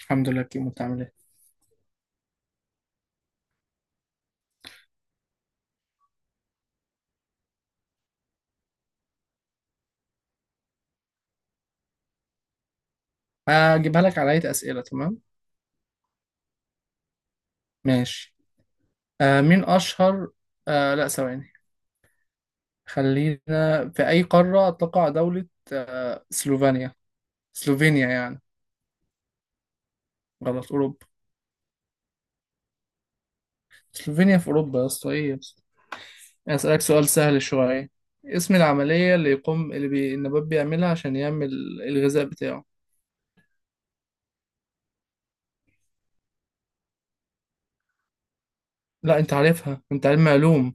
الحمد لله كيمو بتعمل ايه؟ هجيبها لك على هيئة أسئلة. تمام، ماشي. مين أشهر؟ لا، ثواني، خلينا. في أي قارة تقع دولة سلوفينيا؟ سلوفينيا يعني غلط؟ أوروبا. سلوفينيا في أوروبا يا اسطى، إيه يا اسطى؟ أسألك سؤال سهل شوية. اسم العملية اللي يقوم، النبات بيعملها عشان يعمل الغذاء بتاعه. لا أنت عارفها، أنت علم علوم.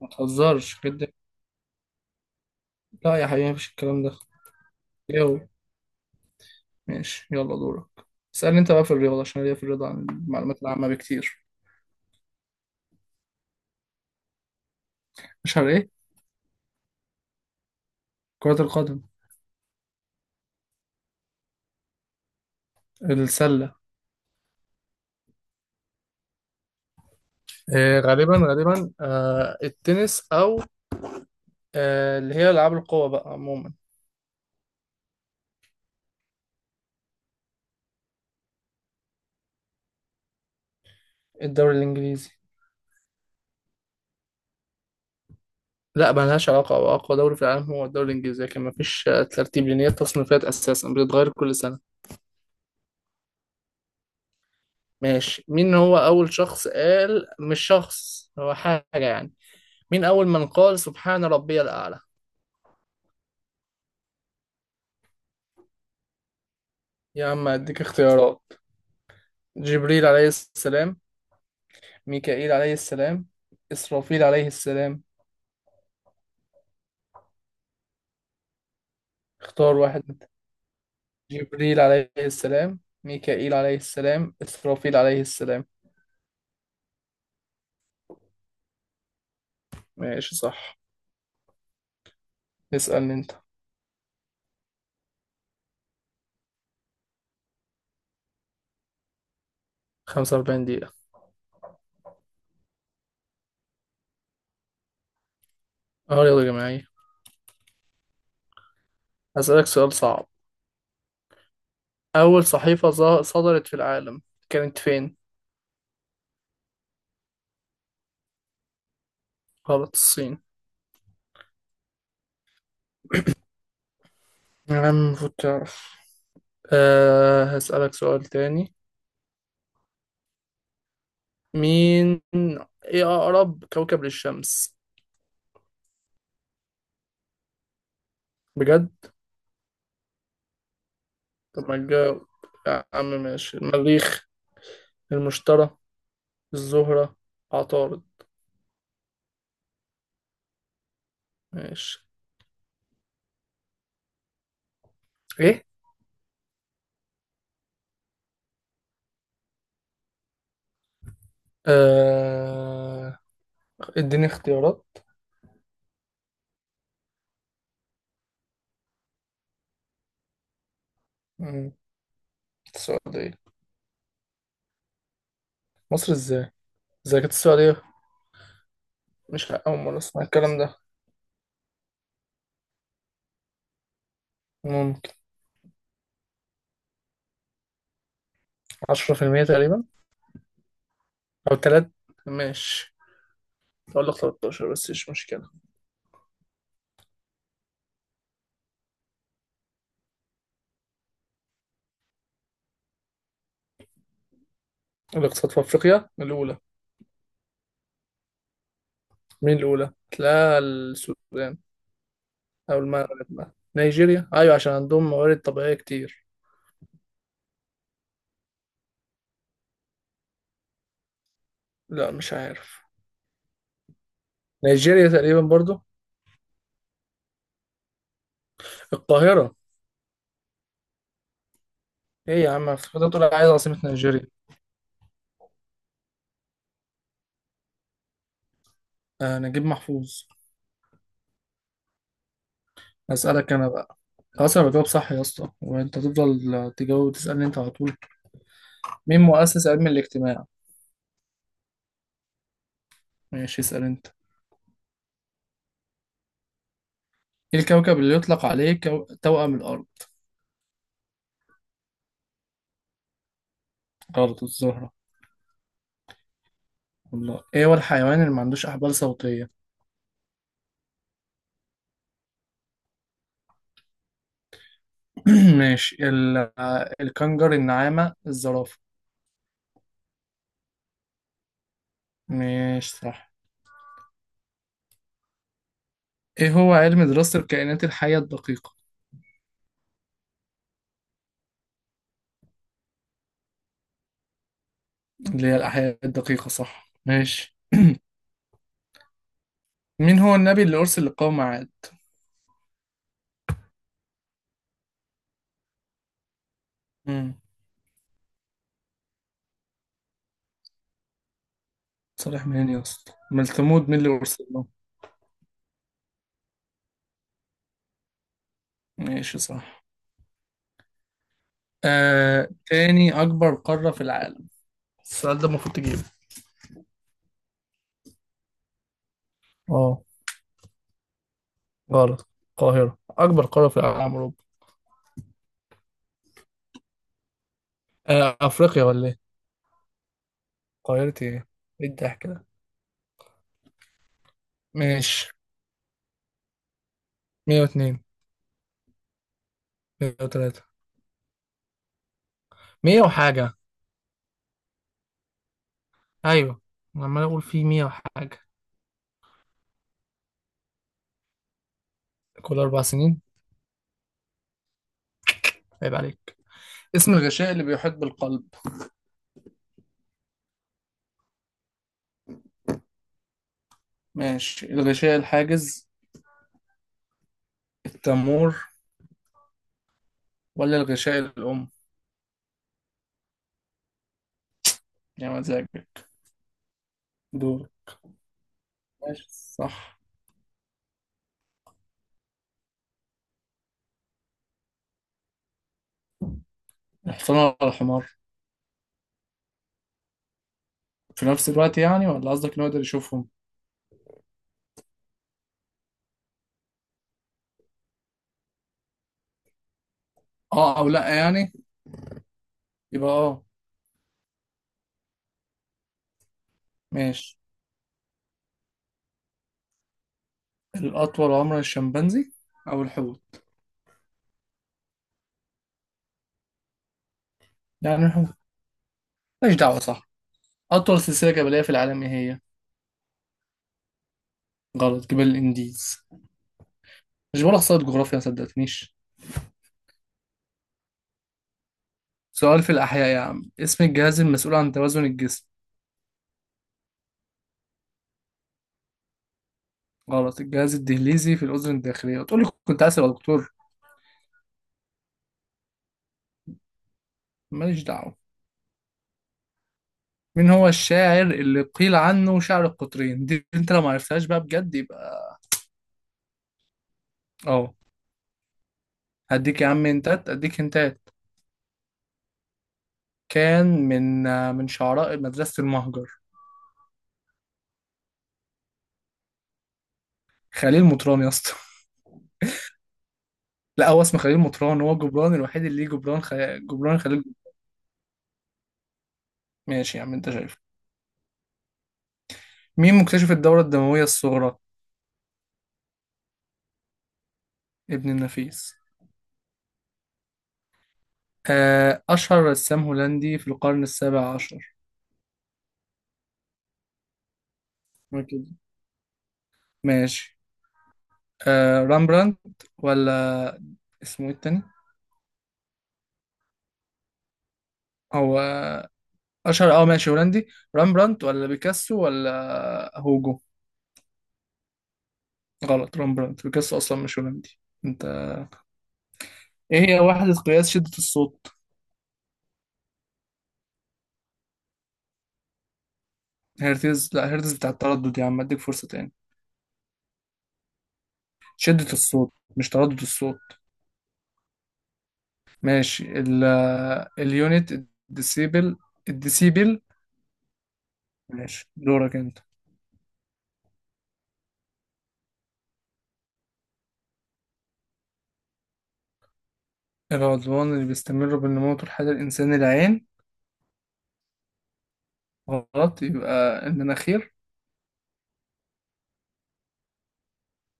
ما تهزرش كده. لا يا حبيبي، مفيش الكلام ده. إيه هو؟ ماشي، يلا دورك. اسألني انت بقى في الرياضة، عشان ليا في الرياضة عن المعلومات العامة بكتير. مش على ايه؟ كرة القدم. السلة. آه، غالبا التنس، او اللي هي العاب القوى بقى عموما. الدوري الانجليزي. لا ملهاش علاقة، هو اقوى دوري في العالم هو الدوري الانجليزي، لكن مفيش ترتيب، لان هي التصنيفات اساسا بتتغير كل سنة. ماشي، مين هو اول شخص قال، مش شخص، هو حاجة يعني، مين اول من قال سبحان ربي الاعلى؟ يا عم اديك اختيارات. جبريل عليه السلام، ميكائيل عليه السلام، إسرافيل عليه السلام. اختار واحد منهم. جبريل عليه السلام، ميكائيل عليه السلام، إسرافيل عليه السلام. ماشي صح. اسألني أنت. 45 دقيقة. اه رياضة جماعية. هسألك سؤال صعب. أول صحيفة صدرت في العالم كانت فين؟ غلط، الصين. يا عم المفروض تعرف. أه، هسألك سؤال تاني. مين، إيه أقرب كوكب للشمس؟ بجد؟ طب ما تجاوب يا عم. ماشي، المريخ، المشتري، الزهرة، عطارد. ماشي. ايه آه... اديني اختيارات. مم. السعودية. مصر ازاي؟ زي كانت السعودية. مش أول مرة أسمع الكلام ده. ممكن. 10% تقريبا، أو تلات. ماشي، أقول لك 13 بس مش مشكلة. الاقتصاد في أفريقيا الأولى. مين الأولى؟ تلاقي السودان أو المغرب بقى، نيجيريا أيوة عشان عندهم موارد طبيعية كتير. لا مش عارف، نيجيريا تقريبا برضو. القاهرة. ايه يا عم، افتكرت تقول عايز عاصمة نيجيريا. نجيب محفوظ. هسألك أنا بقى. خلاص أنا بجاوب صح يا اسطى، وأنت تفضل تجاوب وتسألني أنت على طول. مين مؤسس علم الاجتماع؟ ماشي اسأل أنت. إيه الكوكب اللي يطلق عليه توأم الأرض؟ غلط، الزهرة. والله، إيه هو الحيوان اللي ما عندوش أحبال صوتية؟ ماشي ال... آه، الكنجر، النعامة، الزرافة. ماشي صح. إيه هو علم دراسة الكائنات الحية الدقيقة؟ اللي هي الأحياء الدقيقة، صح ماشي. مين هو النبي اللي أرسل لقوم عاد؟ صالح منين يا اسطى؟ من ثمود، مين اللي ارسل له؟ ماشي صح. آه، تاني اكبر قارة في العالم؟ السؤال ده المفروض تجيبه. اه. غلط، القاهرة. اكبر قارة في العالم اوروبا؟ آه افريقيا ولا ايه؟ قاهرة ايه؟ ايه الضحك ده؟ ماشي. 102. 103. 100 وحاجة. ايوه. أنا عمال اقول في 100 وحاجة. كل 4 سنين. عيب عليك. اسم الغشاء اللي بيحيط بالقلب. ماشي، الغشاء الحاجز، التمور، ولا الغشاء الأم. يا مزاجك. دور. ماشي صح. الحصان ولا الحمار؟ في نفس الوقت يعني، ولا قصدك انه يقدر يشوفهم؟ اه او لا يعني. يبقى اه. ماشي، الاطول عمرا الشمبانزي او الحوت. يعني الحوت. ماليش دعوه، صح. اطول سلسله جبليه في العالم ايه هي؟ غلط، جبال الانديز. مش بقول احصائيات جغرافيا؟ ما صدقتنيش. سؤال في الاحياء يا عم، اسم الجهاز المسؤول عن توازن الجسم. غلط، الجهاز الدهليزي في الاذن الداخليه. تقول لي كنت عايز ابقى دكتور. ماليش دعوه. مين هو الشاعر اللي قيل عنه شاعر القطرين؟ دي انت لو ما عرفتهاش بقى بجد يبقى اه. هديك يا عم انتات، اديك انتات. كان من من شعراء مدرسة المهجر. خليل مطران يا اسطى. لا، هو اسمه خليل مطران، هو جبران الوحيد اللي ليه جبران جبران خليل. ماشي يا عم، انت شايف. مين مكتشف الدورة الدموية الصغرى؟ ابن النفيس. أشهر رسام هولندي في القرن السابع عشر. أوكي. ماشي. رامبراندت ولا اسمه ايه التاني، هو اشهر اه ماشي هولندي. رامبرانت ولا بيكاسو ولا هوجو؟ غلط، رامبرانت. بيكاسو اصلا مش هولندي. انت. ايه هي وحدة قياس شدة الصوت؟ هرتز؟ لا، هرتز بتاع التردد يا عم. اديك فرصة تاني. شدة الصوت مش تردد الصوت. ماشي، ال، اليونت، الديسيبل، الديسيبل. ماشي دورك انت. العضوان اللي بيستمر بالنمو طول حياة الإنسان، العين. غلط، يبقى المناخير.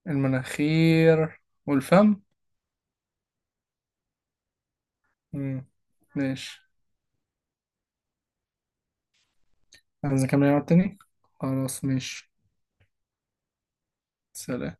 المناخير والفم. مم. ماشي. عايز اكمل العب تاني. خلاص ماشي. سلام.